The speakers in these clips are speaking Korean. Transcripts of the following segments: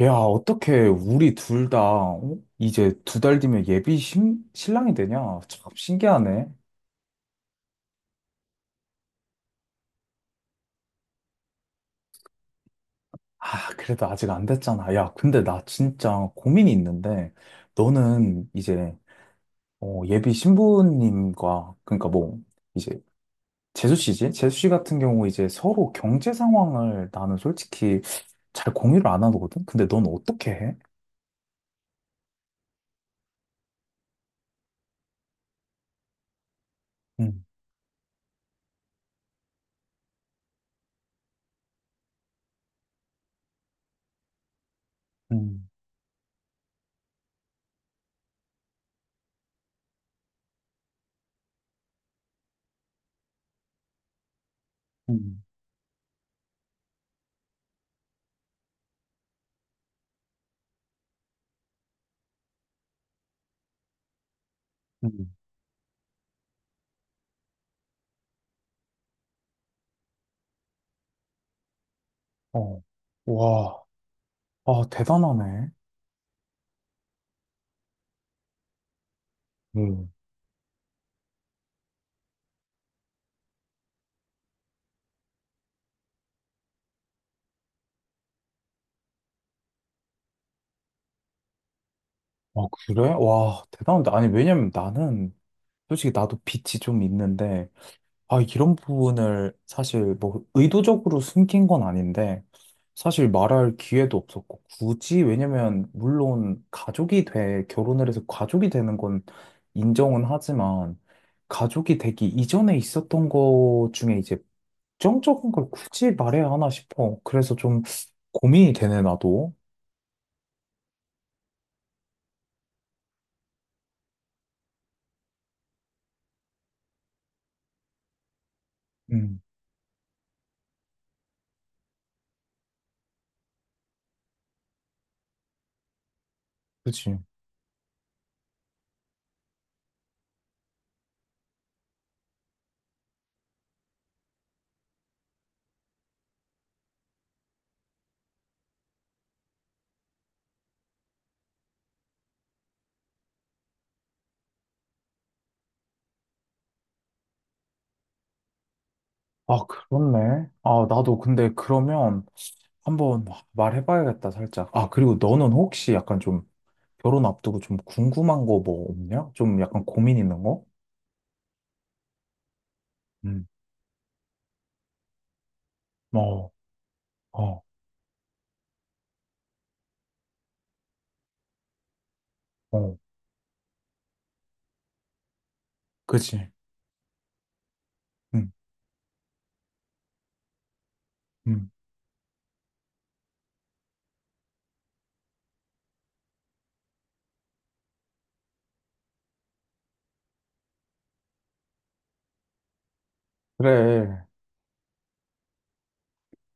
야, 어떻게 우리 둘 다, 어? 이제 두 달 뒤면 예비 신, 신랑이 되냐? 참 신기하네. 아, 그래도 아직 안 됐잖아. 야, 근데 나 진짜 고민이 있는데, 너는 이제, 예비 신부님과, 그러니까 뭐, 이제, 재수 씨지? 재수 씨 같은 경우 이제 서로 경제 상황을 나는 솔직히 잘 공유를 안 하거든? 근데 넌 어떻게 해? 음, 음, 음, 음. 어, 와, 아, 대단하네. 아, 그래? 와, 대단한데. 아니, 왜냐면 나는, 솔직히 나도 빛이 좀 있는데, 아, 이런 부분을 사실 뭐 의도적으로 숨긴 건 아닌데, 사실 말할 기회도 없었고, 굳이, 왜냐면, 물론 가족이 돼, 결혼을 해서 가족이 되는 건 인정은 하지만, 가족이 되기 이전에 있었던 거 중에 이제 정적인 걸 굳이 말해야 하나 싶어. 그래서 좀 고민이 되네, 나도. 음, 그치. 아, 그렇네. 아, 나도 근데 그러면 한번 말해봐야겠다, 살짝. 아, 그리고 너는 혹시 약간 좀 결혼 앞두고 좀 궁금한 거 뭐 없냐? 좀 약간 고민 있는 거? 응. 어, 어, 어. 그치. 응, 응. 그래.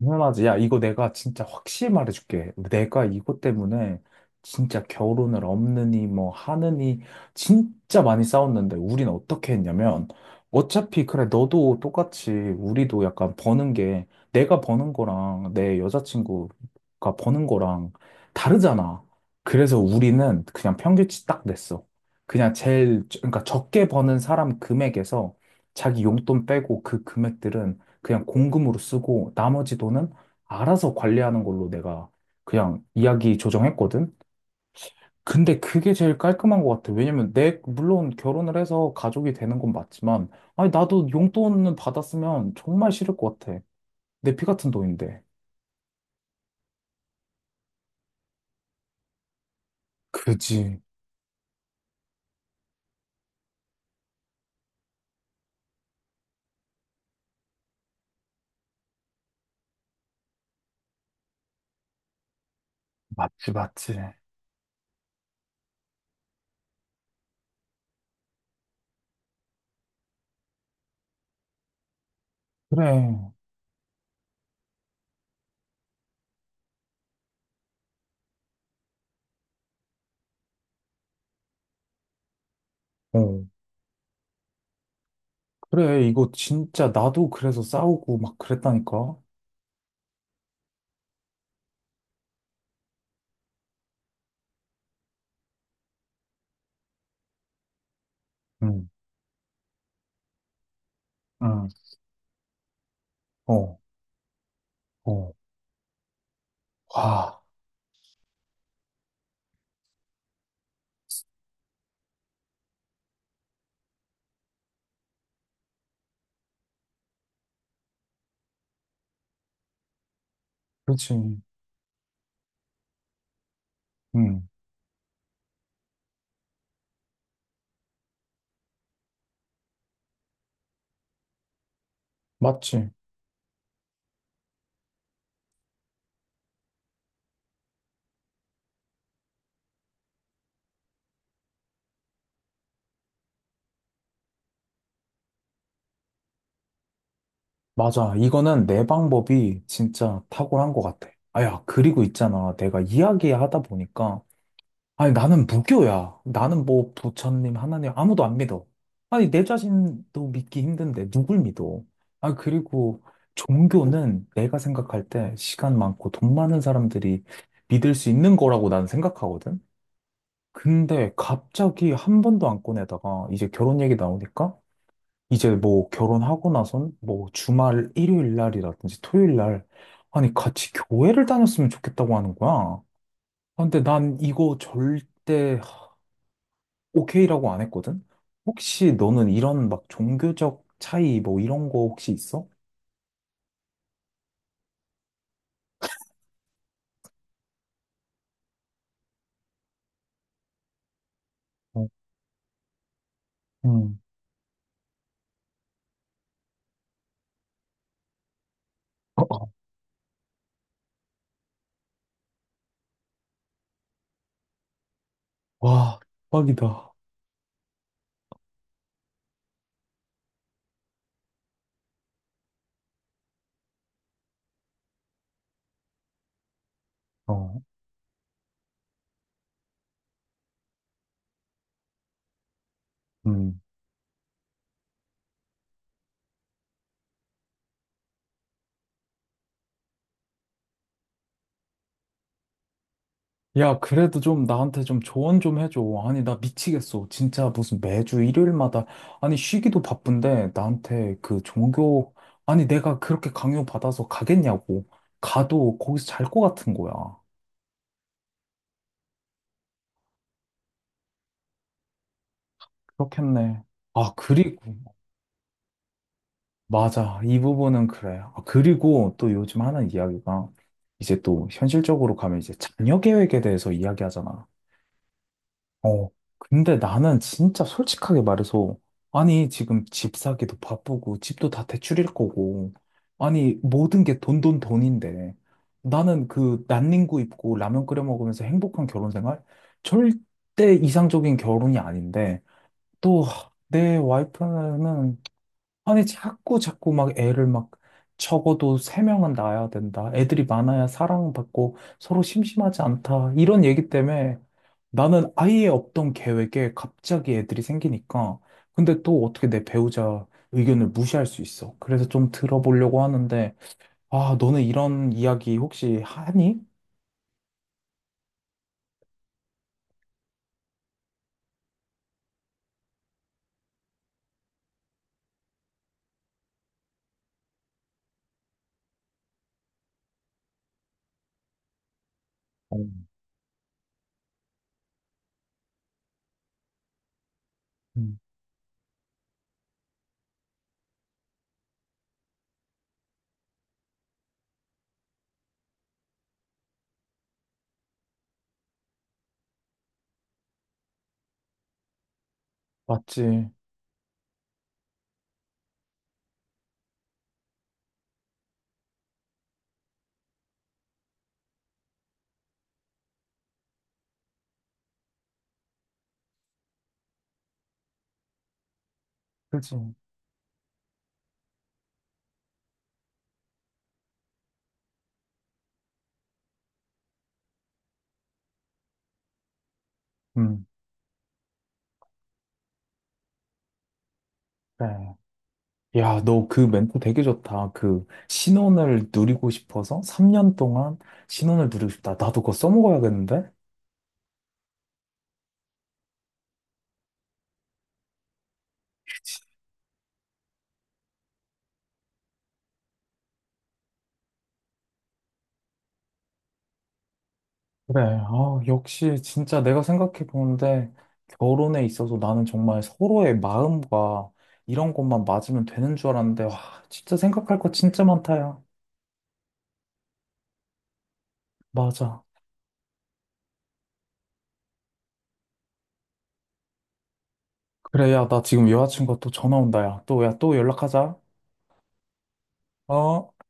당연하지. 야, 이거 내가 진짜 확실히 말해줄게. 내가 이것 때문에 진짜 결혼을 없느니 뭐 하느니 진짜 많이 싸웠는데 우린 어떻게 했냐면 어차피 그래 너도 똑같이 우리도 약간 버는 게 내가 버는 거랑 내 여자친구가 버는 거랑 다르잖아. 그래서 우리는 그냥 평균치 딱 냈어. 그냥 그러니까 적게 버는 사람 금액에서 자기 용돈 빼고 그 금액들은 그냥 공금으로 쓰고 나머지 돈은 알아서 관리하는 걸로 내가 그냥 이야기 조정했거든. 근데 그게 제일 깔끔한 것 같아. 왜냐면 내, 물론 결혼을 해서 가족이 되는 건 맞지만, 아니, 나도 용돈은 받았으면 정말 싫을 것 같아. 내 피 같은 돈인데. 그지. 맞지, 맞지. 그래. 어. 그래. 이거 진짜 나도 그래서 싸우고 막 그랬다니까. 응. 응. 어. 어. 와. 그렇지. 응. 맞지. 맞아. 이거는 내 방법이 진짜 탁월한 것 같아. 아, 야, 그리고 있잖아. 내가 이야기하다 보니까. 아니, 나는 무교야. 나는 뭐 부처님, 하나님, 아무도 안 믿어. 아니, 내 자신도 믿기 힘든데, 누굴 믿어? 아, 그리고 종교는 내가 생각할 때 시간 많고 돈 많은 사람들이 믿을 수 있는 거라고 난 생각하거든? 근데 갑자기 한 번도 안 꺼내다가 이제 결혼 얘기 나오니까 이제 뭐 결혼하고 나선 뭐 주말 일요일 날이라든지 토요일 날 아니 같이 교회를 다녔으면 좋겠다고 하는 거야. 아, 근데 난 이거 절대 오케이라고 안 했거든. 혹시 너는 이런 막 종교적 차이 뭐 이런 거 혹시 있어? 어, 음. 어, 어. 와, 대박이다. 어, 음. 야, 그래도 좀 나한테 좀 조언 좀 해줘. 아니, 나 미치겠어. 진짜 무슨 매주 일요일마다, 아니, 쉬기도 바쁜데, 나한테 그 종교, 아니, 내가 그렇게 강요받아서 가겠냐고. 가도 거기서 잘 것 같은 거야. 그렇겠네. 아, 그리고, 맞아. 이 부분은 그래. 아, 그리고 또 요즘 하는 이야기가, 이제 또 현실적으로 가면 이제 자녀 계획에 대해서 이야기하잖아. 어, 근데 나는 진짜 솔직하게 말해서, 아니, 지금 집 사기도 바쁘고, 집도 다 대출일 거고, 아니, 모든 게 돈, 돈, 돈인데, 나는 그 난닝구 입고 라면 끓여 먹으면서 행복한 결혼 생활? 절대 이상적인 결혼이 아닌데, 또, 내 와이프는 아니, 자꾸 자꾸 막 애를 막 적어도 세명은 낳아야 된다. 애들이 많아야 사랑받고 서로 심심하지 않다. 이런 얘기 때문에 나는 아예 없던 계획에 갑자기 애들이 생기니까. 근데 또 어떻게 내 배우자 의견을 무시할 수 있어. 그래서 좀 들어보려고 하는데, 아, 너는 이런 이야기 혹시 하니? 어, 음, 맞지. 그지. 음, 그래. 야, 너 그 멘트 되게 좋다. 그 신혼을 누리고 싶어서 3년 동안 신혼을 누리고 싶다. 나도 그거 써먹어야겠는데? 그래. 아, 역시 진짜 내가 생각해 보는데 결혼에 있어서 나는 정말 서로의 마음과 이런 것만 맞으면 되는 줄 알았는데 와, 진짜 생각할 거 진짜 많다, 야. 맞아. 그래, 야, 나 지금 여자친구가 또 전화 온다, 야. 또, 야, 또 연락하자. 어?